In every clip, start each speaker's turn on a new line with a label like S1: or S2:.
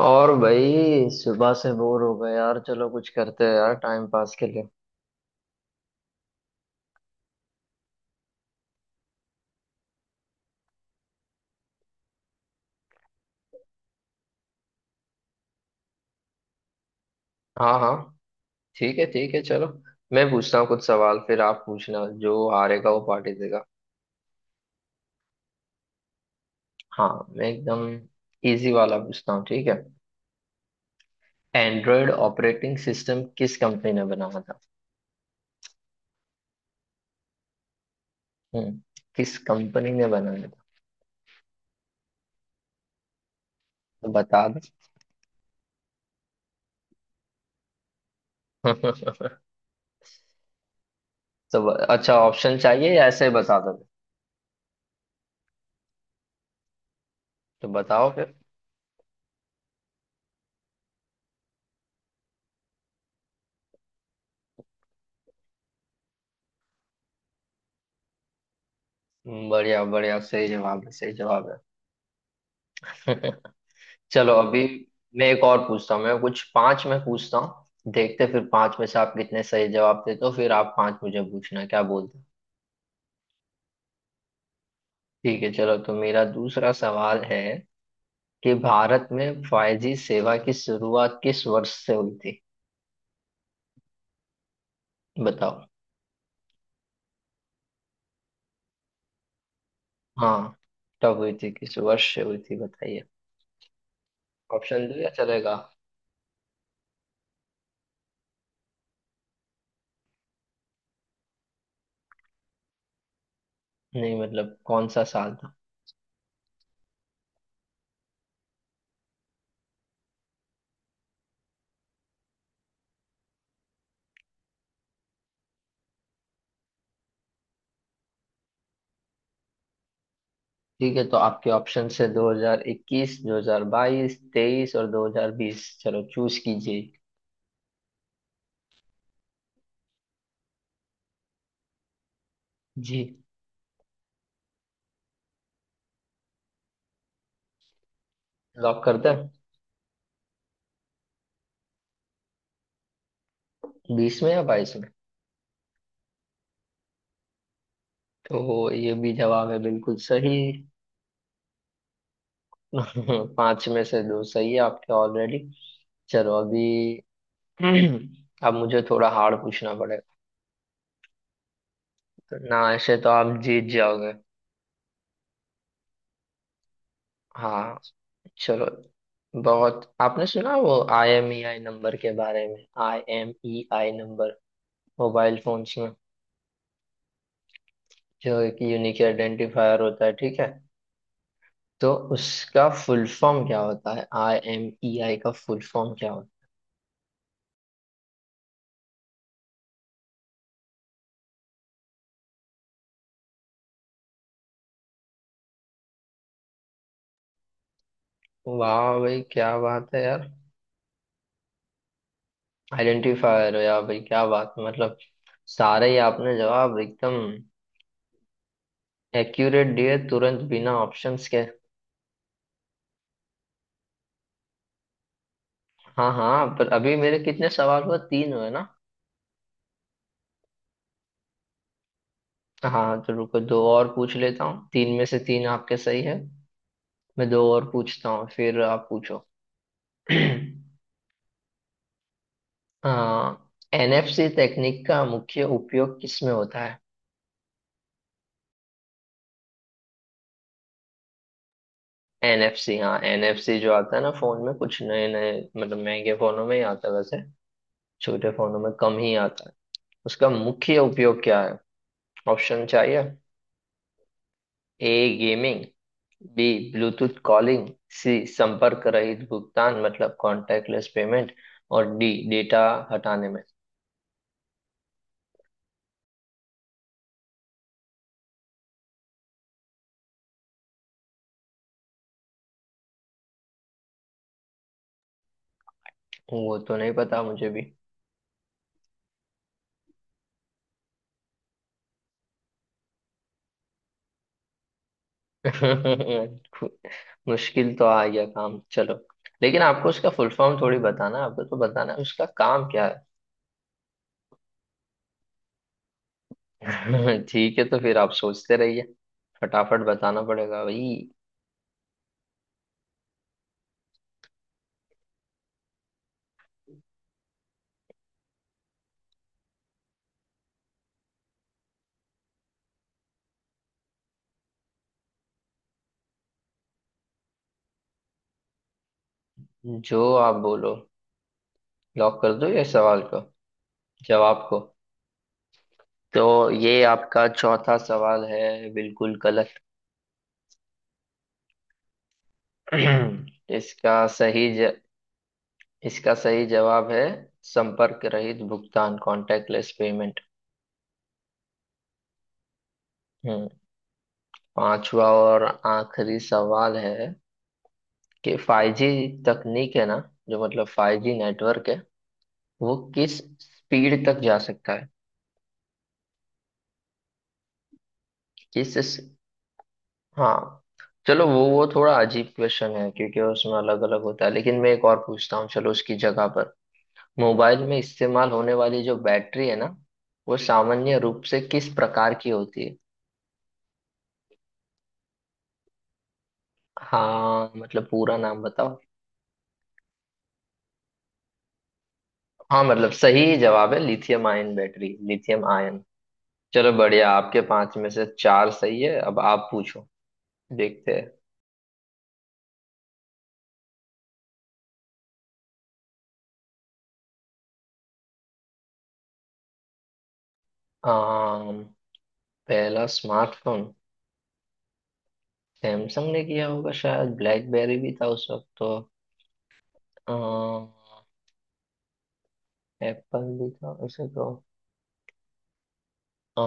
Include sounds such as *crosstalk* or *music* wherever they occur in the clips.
S1: और भाई सुबह से बोर हो गए यार। चलो कुछ करते हैं यार, टाइम पास के लिए। हाँ हाँ, ठीक है ठीक है, चलो। मैं पूछता हूँ कुछ सवाल, फिर आप पूछना। जो हारेगा वो पार्टी देगा। हाँ, मैं एकदम इजी वाला पूछता हूँ, ठीक है। एंड्रॉयड ऑपरेटिंग सिस्टम किस कंपनी ने बनाया था? हम्म, किस कंपनी ने बनाया था? तो बता दो। *laughs* तो अच्छा, ऑप्शन चाहिए या ऐसे ही बता दो? तो बताओ फिर। बढ़िया बढ़िया, सही जवाब है, सही जवाब है। *laughs* चलो अभी मैं एक और पूछता हूँ। मैं कुछ पांच मैं पूछता हूँ, देखते हैं फिर पांच में से आप कितने सही जवाब देते हो। फिर आप पांच मुझे पूछना, क्या बोलते हो? ठीक है चलो। तो मेरा दूसरा सवाल है कि भारत में 5G सेवा की शुरुआत किस वर्ष से हुई थी? बताओ। हाँ, कब हुई थी? किस वर्ष से हुई थी, बताइए। ऑप्शन दो या चलेगा? नहीं मतलब कौन सा साल था। ठीक है, तो आपके ऑप्शन से 2021, 2022, 23 और 2020, चलो चूज कीजिए। जी। लॉक करते हैं। बीस में या बाईस में? तो ये भी जवाब है बिल्कुल सही। *laughs* पांच में से दो सही है आपके ऑलरेडी। चलो अभी, *clears throat* अब मुझे थोड़ा हार्ड पूछना पड़ेगा। तो ना, ऐसे तो आप जीत जाओगे। हाँ, चलो। बहुत आपने सुना वो I M E I number के बारे में? I M E I number mobile phones में जो एक यूनिक आइडेंटिफायर होता है, ठीक है? तो उसका फुल फॉर्म क्या होता है? आई एम ई आई का फुल फॉर्म क्या होता है? वाह भाई क्या बात है यार! आइडेंटिफायर हो यार, भाई क्या बात है मतलब! सारे ही आपने जवाब एकदम एक्यूरेट दिए तुरंत, बिना ऑप्शंस के। हाँ हाँ, पर अभी मेरे कितने सवाल हुए? तीन हुए ना। हाँ तो रुको, दो और पूछ लेता हूँ। तीन में से तीन आपके सही है। मैं दो और पूछता हूँ फिर आप पूछो। *clears throat* हाँ, एनएफसी तकनीक का मुख्य उपयोग किसमें होता है? एनएफसी, हाँ एनएफसी जो आता है ना फोन में, कुछ नए नए मतलब महंगे फोनों में ही आता है वैसे। छोटे फोनों में कम ही आता है। उसका मुख्य उपयोग क्या है? ऑप्शन चाहिए? A gaming, B bluetooth calling, C संपर्क रहित भुगतान मतलब कॉन्टैक्टलेस पेमेंट, और डी डेटा हटाने में। वो तो नहीं पता मुझे भी। *laughs* मुश्किल तो आ गया काम, चलो। लेकिन आपको उसका फुल फॉर्म थोड़ी बताना है, आपको तो बताना है उसका काम क्या है। *laughs* ठीक है तो फिर आप सोचते रहिए, फटाफट बताना पड़ेगा भाई। जो आप बोलो, लॉक कर दो ये सवाल को, जवाब को। तो ये आपका चौथा सवाल है बिल्कुल गलत। *clears throat* इसका सही ज, इसका सही जवाब है संपर्क रहित भुगतान, कॉन्टैक्टलेस पेमेंट। हम्म, पांचवा और आखिरी सवाल है कि 5G तकनीक है ना, जो मतलब 5G नेटवर्क है, वो किस स्पीड तक जा सकता है? किस, हाँ, चलो। वो थोड़ा अजीब क्वेश्चन है क्योंकि उसमें अलग अलग होता है, लेकिन मैं एक और पूछता हूँ, चलो उसकी जगह पर। मोबाइल में इस्तेमाल होने वाली जो बैटरी है ना, वो सामान्य रूप से किस प्रकार की होती है? हाँ मतलब पूरा नाम बताओ। हाँ, मतलब सही जवाब है lithium ion battery, lithium ion. चलो बढ़िया, आपके पांच में से चार सही है। अब आप पूछो, देखते हैं। आम, पहला स्मार्टफोन सैमसंग ने किया होगा शायद। ब्लैकबेरी भी था उस वक्त तो। एप्पल भी था उसे तो। अ,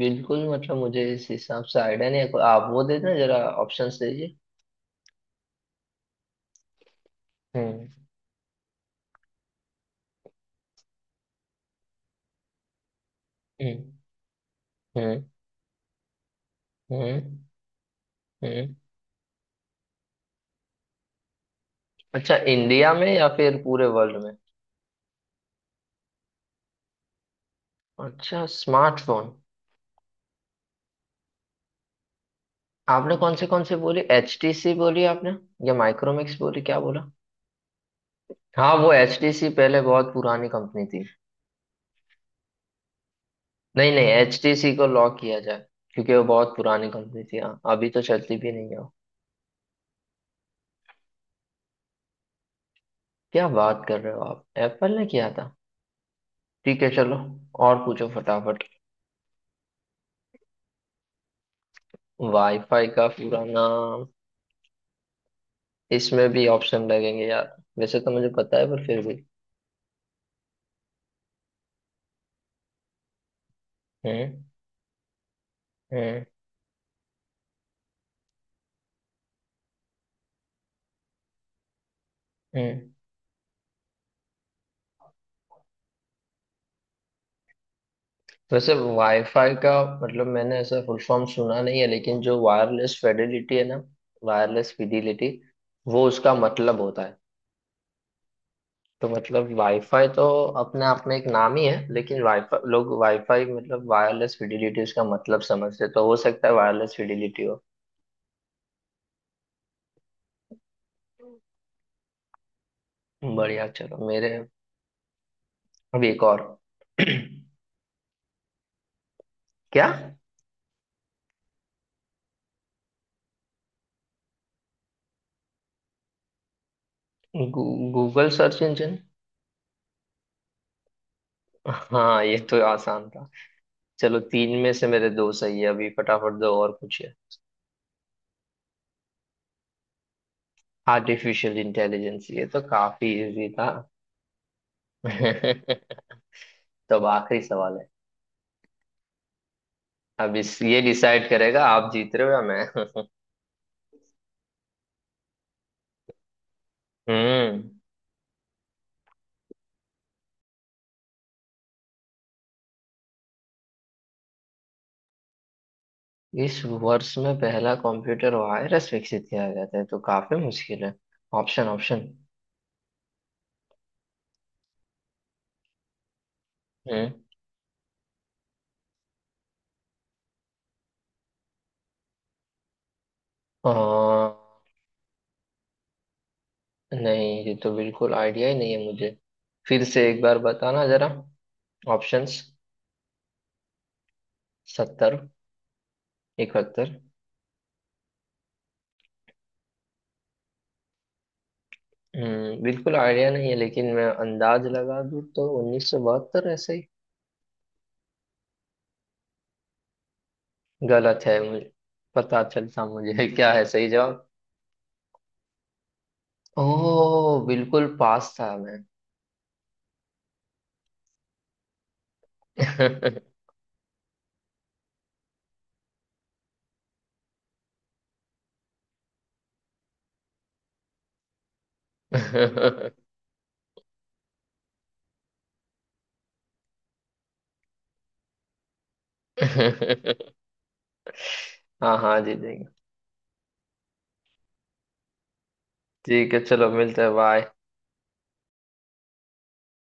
S1: बिल्कुल मतलब मुझे इस हिसाब से आइडिया नहीं है। आप वो दे देना जरा, ऑप्शंस दीजिए। हम्म। हम्म। हम्म। हम्म। हम्म। अच्छा, इंडिया में या फिर पूरे वर्ल्ड में? अच्छा स्मार्टफोन। आपने कौन से बोली? एचटीसी बोली आपने, या माइक्रोमैक्स बोली, क्या बोला? हाँ वो एचटीसी पहले बहुत पुरानी कंपनी थी। नहीं नहीं, एचटीसी को लॉक किया जाए क्योंकि वो बहुत पुरानी कंपनी थी। हाँ, अभी तो चलती भी नहीं है। क्या बात कर रहे हो! आप एप्पल ने किया था? ठीक है चलो, और पूछो फटाफट। वाईफाई का पूरा नाम, इसमें भी ऑप्शन लगेंगे यार, वैसे तो मुझे पता है पर फिर भी। हम्म। हम्म। हम्म। वैसे वाईफाई का मतलब मैंने ऐसा फुल फॉर्म सुना नहीं है, लेकिन जो वायरलेस फिडेलिटी है ना, वायरलेस फिडिलिटी, वो उसका मतलब होता है। तो मतलब वाईफाई तो अपने आप में एक नाम ही है, लेकिन वाईफाई, लोग वाईफाई मतलब वायरलेस फिडिलिटी उसका मतलब समझते हैं। तो हो सकता है वायरलेस फिडिलिटी। बढ़िया चलो, मेरे अब एक और, *clears throat* क्या, गू, गूगल सर्च इंजन। हाँ ये तो आसान था। चलो तीन में से मेरे दो सही है, अभी फटाफट दो और पूछिए। आर्टिफिशियल इंटेलिजेंस, ये तो काफी इजी था। *laughs* तो अब आखिरी सवाल है। अब इस ये डिसाइड करेगा आप जीत रहे हो या मैं। *laughs* हम्म, इस वर्ष में पहला कंप्यूटर वायरस विकसित किया गया था, ये तो काफी मुश्किल है। Option option. हम्म, नहीं ये तो बिल्कुल आइडिया ही नहीं है मुझे। फिर से एक बार बताना जरा ऑप्शंस। 1970, 1971, हम्म। बिल्कुल आइडिया नहीं है, लेकिन मैं अंदाज लगा दूं तो 1972, ऐसे ही गलत है मुझे पता चलता मुझे। *laughs* क्या है सही जवाब? ओह बिल्कुल पास था मैं। *laughs* हाँ हाँ, जी जी, ठीक है चलो, मिलते हैं, बाय।